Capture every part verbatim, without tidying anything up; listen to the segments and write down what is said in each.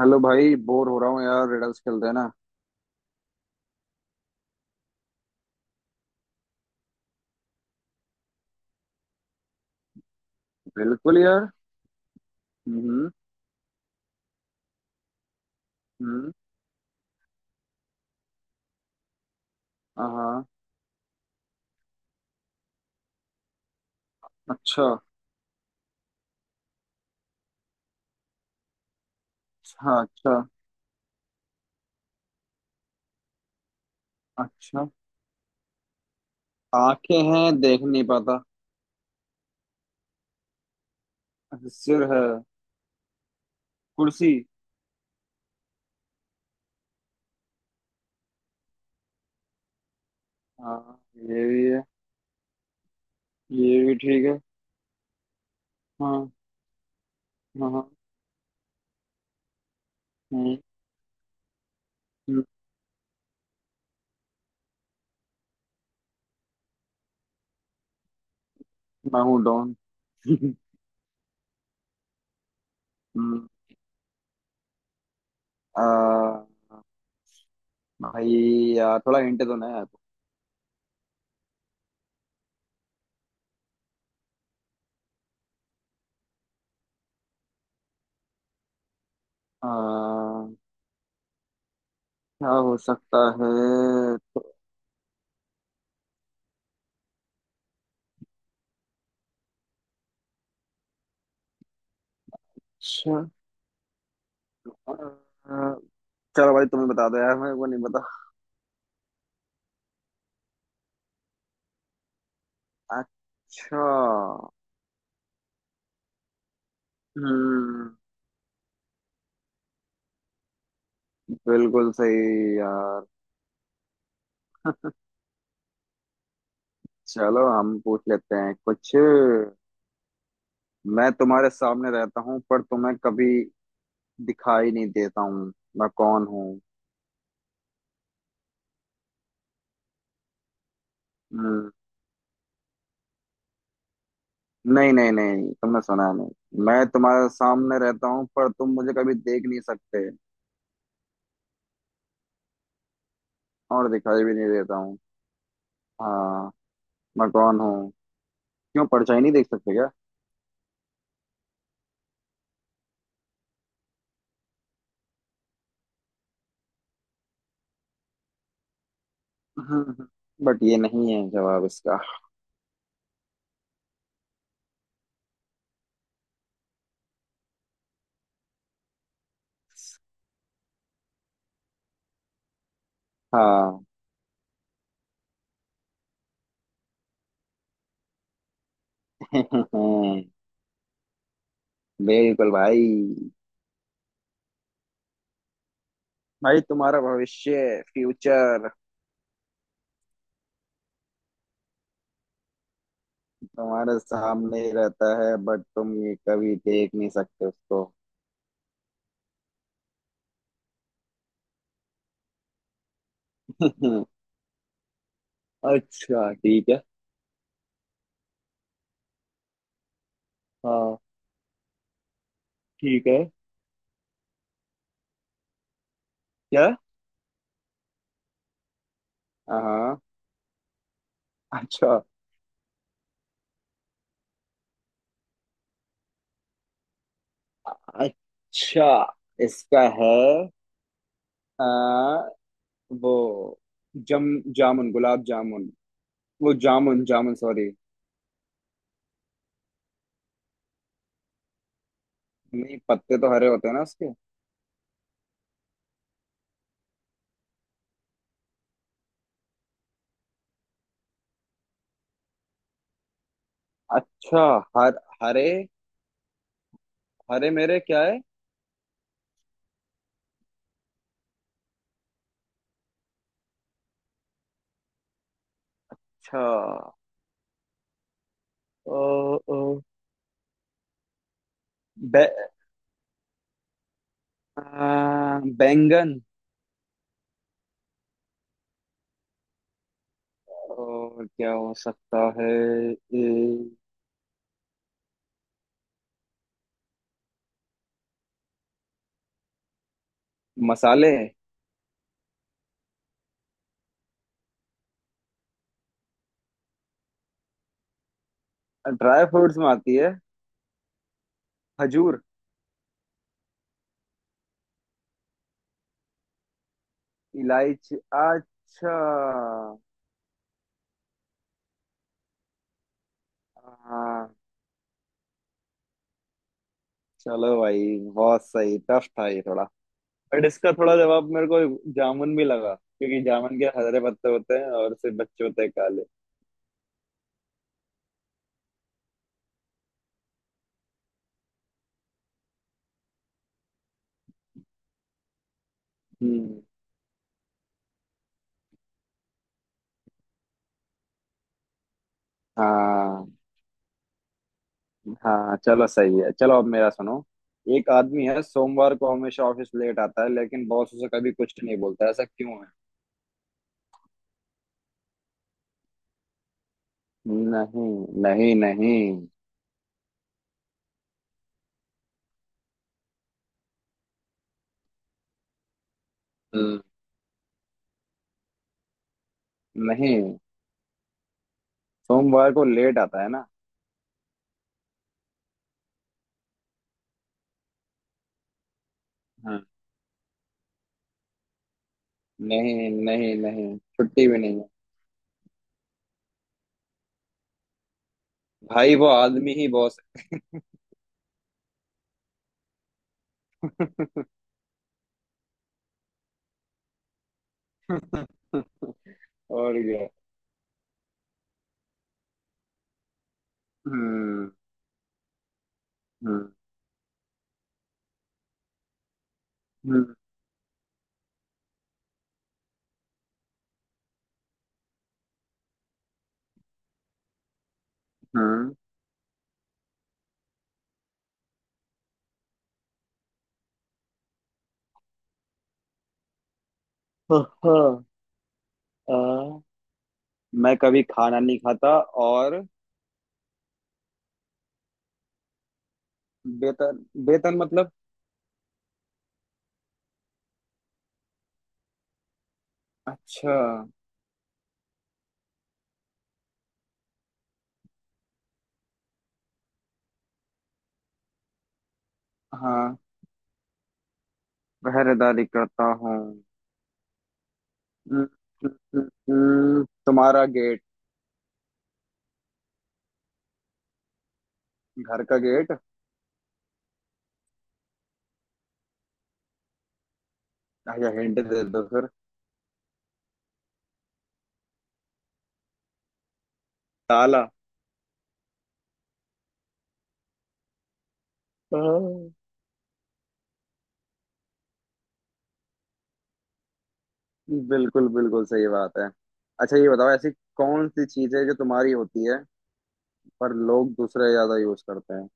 Hello भाई, bore हो रहा हूँ यार, रिडल्स खेलते हैं ना। बिल्कुल यार। हम्म। हम्म। हाँ। अच्छा। हाँ। अच्छा। अच्छा। आंखें हैं देख नहीं पाता। सिर है। कुर्सी। हाँ। ये भी है। ये भी ठीक है। हाँ, हाँ, हाँ। हम्म। हम्म। मैं हूँ डॉन। हम्म। आ, भाई। यार थोड़ा हिंट तो नहीं है। आ, क्या हो सकता है। तो। अच्छा। आ, चलो भाई तुम्हें बता दो यार, मेरे को नहीं। अच्छा। हम्म। बिल्कुल सही यार। चलो हम पूछ लेते हैं कुछ। मैं तुम्हारे सामने रहता हूँ पर तुम्हें कभी दिखाई नहीं देता हूँ। मैं कौन हूँ? हम्म। नहीं नहीं नहीं, तुमने सुना नहीं। मैं तुम्हारे सामने रहता हूँ पर तुम मुझे कभी देख नहीं सकते और दिखाई भी नहीं देता हूँ। हाँ। मैं कौन हूँ? क्यों, परछाई नहीं देख सकते क्या? हम्म, बट ये नहीं है जवाब इसका। हाँ। बिल्कुल भाई। भाई तुम्हारा भविष्य, फ्यूचर। तुम्हारे सामने ही रहता है बट तुम ये कभी देख नहीं सकते उसको। अच्छा ठीक है। हाँ ठीक है। क्या? हाँ। अच्छा। अच्छा। इसका है। आ, वो जम जामुन, गुलाब जामुन। वो जामुन जामुन, सॉरी। नहीं, पत्ते तो हरे होते हैं ना उसके। अच्छा। हर हरे। हरे मेरे क्या है? अच्छा। ओ, ओ, बे, आ, बैंगन। और क्या हो सकता है? ए, मसाले। ड्राई फ्रूट्स में आती है। खजूर। इलायची। अच्छा। हाँ। चलो भाई बहुत सही, टफ था ये थोड़ा। बट इसका थोड़ा जवाब मेरे को, जामुन भी लगा, क्योंकि जामुन के हरे पत्ते होते हैं और सिर्फ बच्चे होते हैं काले। हम्म। हाँ, हाँ, चलो सही है, चलो अब मेरा सुनो। एक आदमी है, सोमवार को हमेशा ऑफिस लेट आता है लेकिन बॉस उसे कभी कुछ नहीं बोलता, ऐसा क्यों है? नहीं। नहीं, नहीं। हम्म। नहीं, सोमवार को लेट आता है ना? हाँ। नहीं नहीं नहीं, छुट्टी भी नहीं है। भाई वो आदमी ही बॉस है। और क्या। हम्म। हम्म। हम्म। हम्म। हाँ, हाँ। मैं कभी खाना नहीं खाता और वेतन, वेतन मतलब? अच्छा। हाँ। पहरेदारी करता हूँ। हम्म। हम्म। हम्म। हम्म, तुम्हारा गेट। घर का गेट। या हिंट दे दो फिर। ताला। हाँ। बिल्कुल बिल्कुल सही बात है। अच्छा, ये बताओ ऐसी कौन सी चीज है जो तुम्हारी होती है पर लोग दूसरे ज्यादा यूज करते हैं।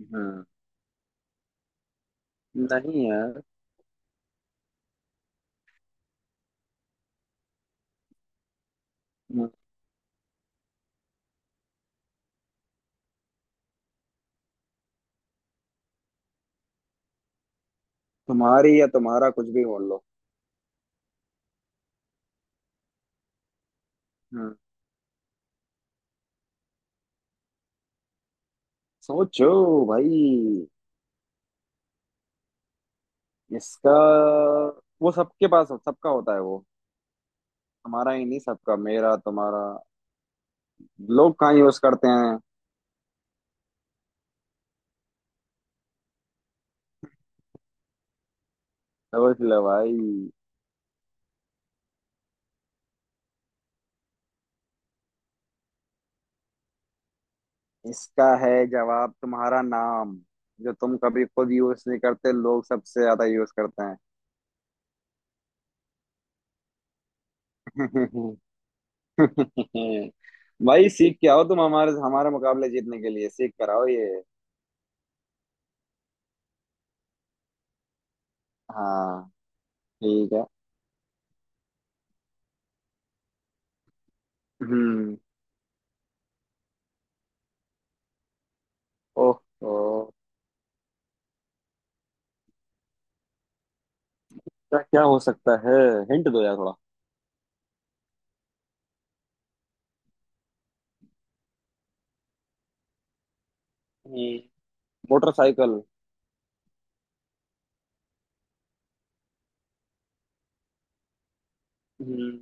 हम्म। नहीं यार। हम्म। तुम्हारी या तुम्हारा, कुछ भी बोल लो। हम्म। सोचो भाई। इसका, वो सबके पास हो- सबका होता है वो, हमारा ही नहीं, सबका, मेरा, तुम्हारा। लोग कहाँ यूज करते हैं। सोच लो भाई। इसका है जवाब, तुम्हारा नाम। जो तुम कभी खुद यूज नहीं करते, लोग सबसे ज्यादा यूज करते हैं। भाई सीख के आओ, तुम हमारे हमारे मुकाबले जीतने के लिए सीख कर आओ ये। हाँ ठीक है। हम्म। ओह। ओह, क्या क्या हो सकता है? हिंट दो यार थोड़ा। हम्म, मोटरसाइकिल। हम्म,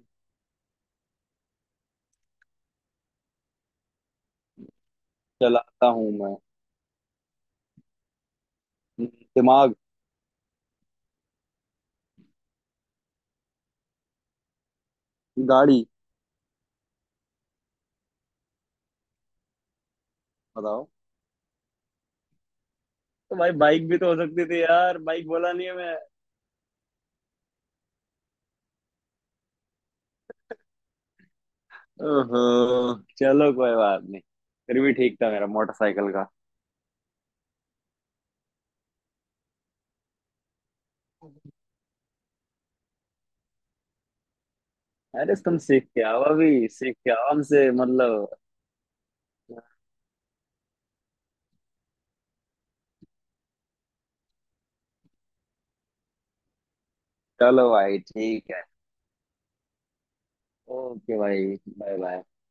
चलाता हूँ मैं। हम्म, दिमाग। गाड़ी। बताओ। तो भाई बाइक भी तो हो सकती थी यार, बाइक बोला नहीं है मैं। ओहो, चलो कोई बात नहीं। फिर भी ठीक था मेरा, मोटरसाइकिल का। अरे तुम सीख के आओ, अभी सीख के आओ हमसे, मतलब। चलो भाई ठीक है। ओके भाई। Bye bye.